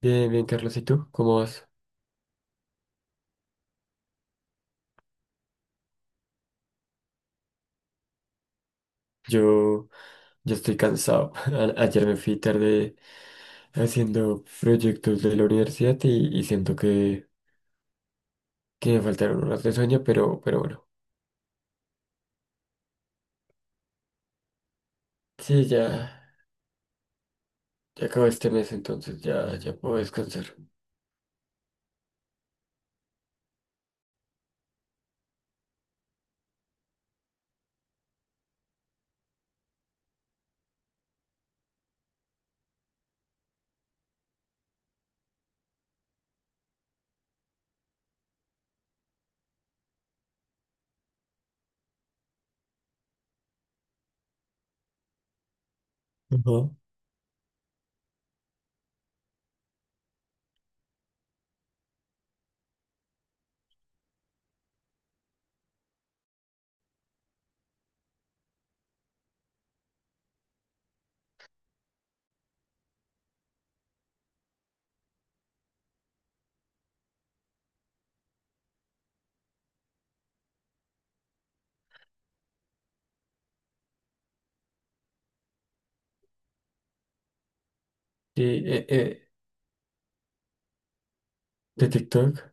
Bien, bien, Carlos, ¿y tú? ¿Cómo vas? Yo, yo estoy cansado. Ayer me fui tarde haciendo proyectos de la universidad y siento que me faltaron horas de sueño, pero bueno. Sí, ya, ya acabó este mes, entonces ya, ya puedo descansar. Ajá. Sí, de TikTok.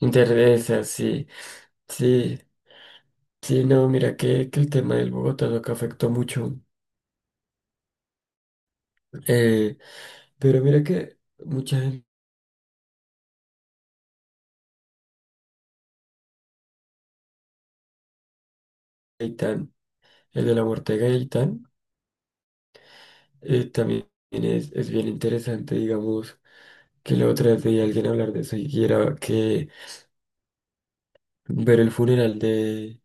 Interesa, sí, sí, sí, no, mira que el tema del Bogotá no que afectó mucho, eh, pero mira que mucha gente, Gaitán, el de la muerte de Gaitán. También es bien interesante, digamos, que la otra vez veía a alguien hablar de eso y era que ver el funeral de,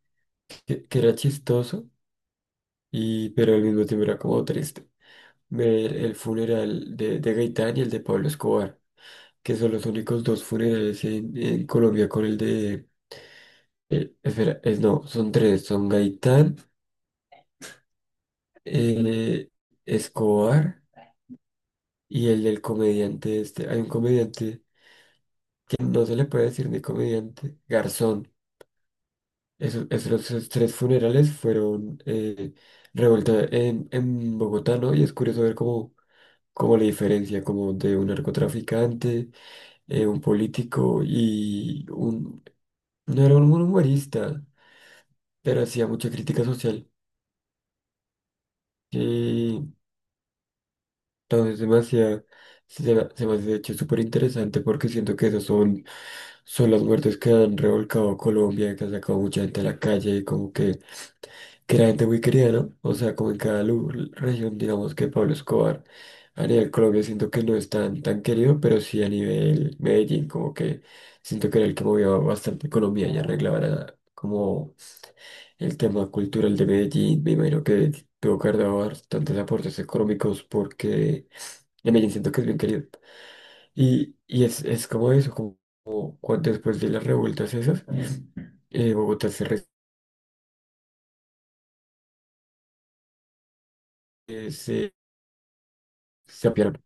que era chistoso, y, pero al mismo tiempo era como triste. Ver el funeral de Gaitán y el de Pablo Escobar, que son los únicos dos funerales en Colombia con el de, espera, es no, son tres, son Gaitán, eh, Escobar y el del comediante este. Hay un comediante que no se le puede decir ni comediante, Garzón. Esos, esos tres funerales fueron revuelta en Bogotá, ¿no? Y es curioso ver cómo, cómo la diferencia como de un narcotraficante, un político y un... No era un humorista, pero hacía mucha crítica social. No, es demasiado, sí, se me hace de hecho súper interesante porque siento que esos son, son las muertes que han revolcado a Colombia, que han sacado mucha gente a la calle y como que era gente muy querida, ¿no? O sea, como en cada región, digamos que Pablo Escobar a nivel Colombia siento que no es tan, tan querido, pero sí a nivel Medellín como que siento que era el que movía bastante economía y arreglaba como el tema cultural de Medellín. Me imagino que tuvo que haber dado tantos aportes económicos porque en Medellín siento que es bien querido. Y es como eso, como, como cuando después de las revueltas esas, Bogotá eh, se, se apiaron.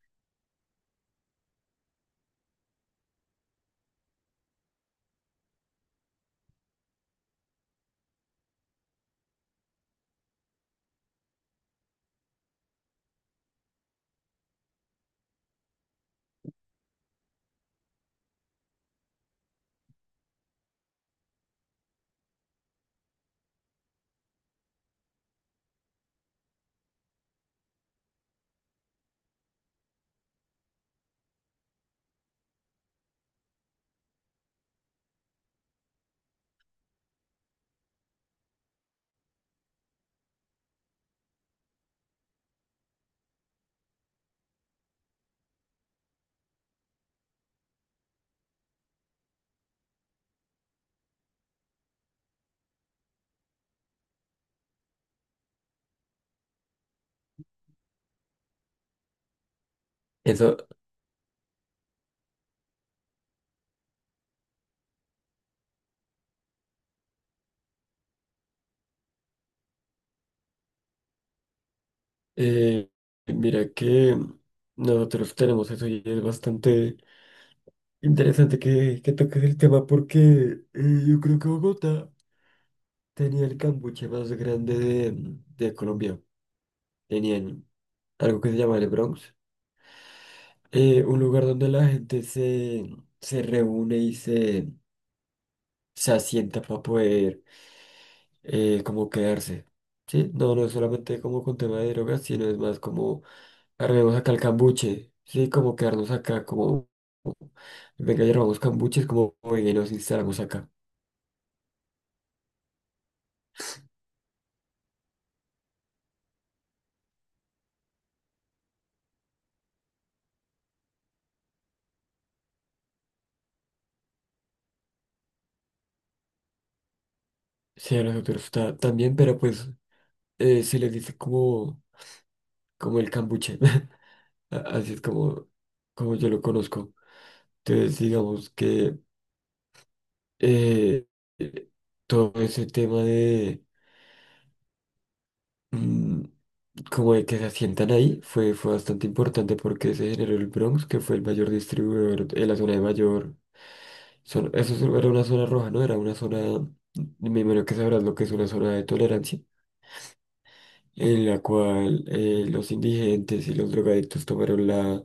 Eso, eh, mira que nosotros tenemos eso y es bastante interesante que toques el tema porque yo creo que Bogotá tenía el cambuche más grande de Colombia. Tenían algo que se llama el Bronx, un lugar donde la gente se, se reúne y se asienta para poder como quedarse. Sí, no, no es solamente como con tema de drogas, sino es más como armemos acá el cambuche, sí, como quedarnos acá, como venga, ya robamos cambuches, como venga y nos instalamos acá. Sí, a nosotros también, pero pues se les dice como, como el cambuche. Así es como, como yo lo conozco. Entonces, digamos que eh, eh, todo ese tema de mm, como de que se asientan ahí fue, fue bastante importante porque se generó el Bronx, que fue el mayor distribuidor en la zona de mayor. Eso era una zona roja, ¿no? Era una zona, me imagino que sabrás lo que es una zona de tolerancia, en la cual los indigentes y los drogadictos tomaron la,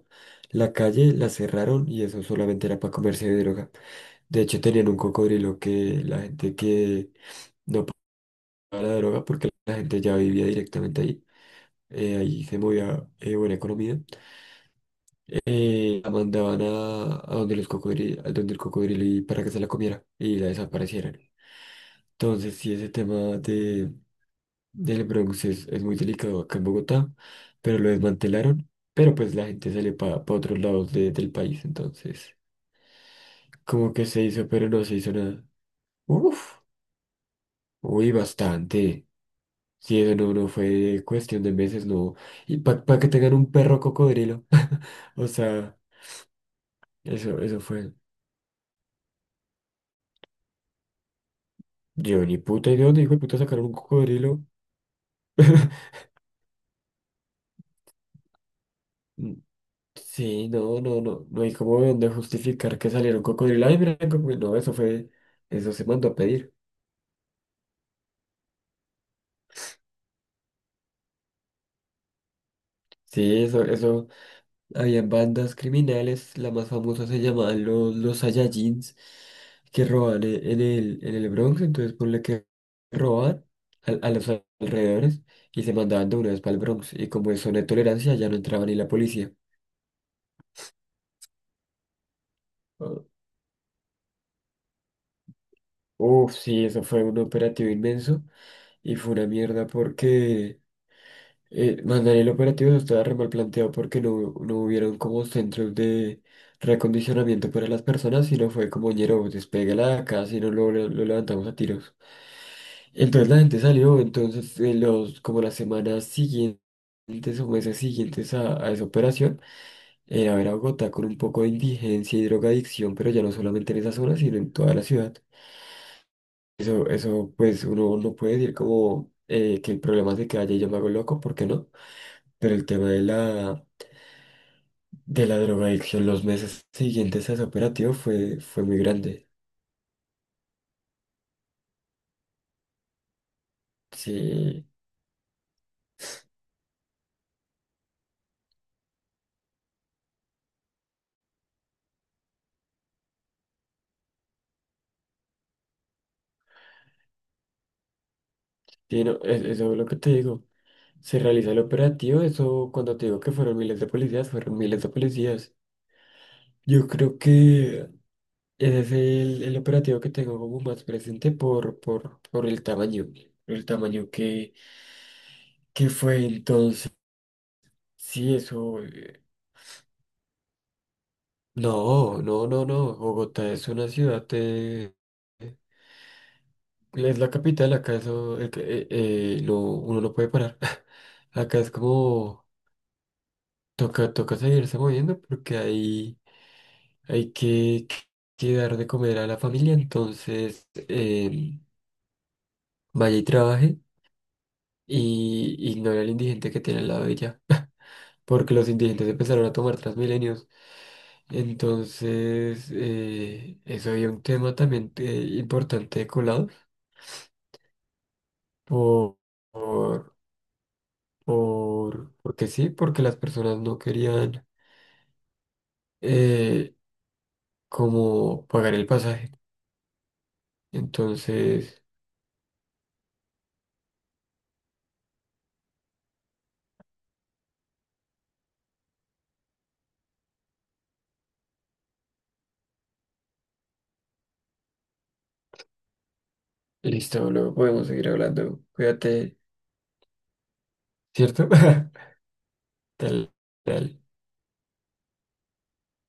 la calle, la cerraron y eso solamente era para comerse de droga. De hecho, tenían un cocodrilo que la gente que a la droga porque la gente ya vivía directamente ahí. Ahí se movía buena economía. La mandaban a donde los cocodrilos, donde el cocodrilo y para que se la comiera y la desaparecieran. Entonces, sí, ese tema de, del Bronx es muy delicado acá en Bogotá, pero lo desmantelaron. Pero pues la gente sale para otros lados del país, entonces como que se hizo, pero no se hizo nada. Uf, uy, bastante. Sí, eso no, no fue cuestión de meses, no. Y para que tengan un perro cocodrilo. O sea, eso fue. Yo ni puta idea dónde hijo de puta sacaron un cocodrilo. Mm, sí, no, no, no. No hay como dónde justificar que saliera un cocodrilo. Ay, mira, el cocodrilo. No, eso fue. Eso se mandó a pedir. Sí, eso, eso. Habían bandas criminales, la más famosa se llamaban los Saiyajins, que roban en el Bronx, entonces ponle que roban a los alrededores y se mandaban de una vez para el Bronx. Y como eso no hay tolerancia, ya no entraba ni la policía. Ah, uf, sí, eso fue un operativo inmenso y fue una mierda porque mandar el operativo eso estaba re mal planteado porque no, no hubieron como centros de reacondicionamiento para las personas, sino fue como ñero, despégala de acá, si no lo, lo levantamos a tiros. Entonces la gente salió, entonces los, como las semanas siguientes o meses siguientes a esa operación, era ver a Bogotá con un poco de indigencia y drogadicción, pero ya no solamente en esa zona, sino en toda la ciudad. Eso pues uno no puede decir como que el problema es de que haya yo me hago loco, ¿por qué no? Pero el tema de la drogadicción los meses siguientes a ese operativo fue, fue muy grande. Sí, sí, no, eso es lo que te digo. Se realiza el operativo, eso cuando te digo que fueron miles de policías, fueron miles de policías. Yo creo que ese es el operativo que tengo como más presente por el tamaño que fue entonces. Sí, eso... no, no, no, no. Bogotá es una ciudad es la capital, acá eso, lo, uno no puede parar. Acá es como, toca, toca seguirse moviendo porque hay que dar de comer a la familia, entonces vaya y trabaje y ignore al indigente que tiene al lado de ella, porque los indigentes empezaron a tomar Transmilenios. Entonces, eso había un tema también importante de colado por, por, porque sí, porque las personas no querían eh, como pagar el pasaje. Entonces, listo, luego podemos seguir hablando. Cuídate, ¿cierto? Tal, tal.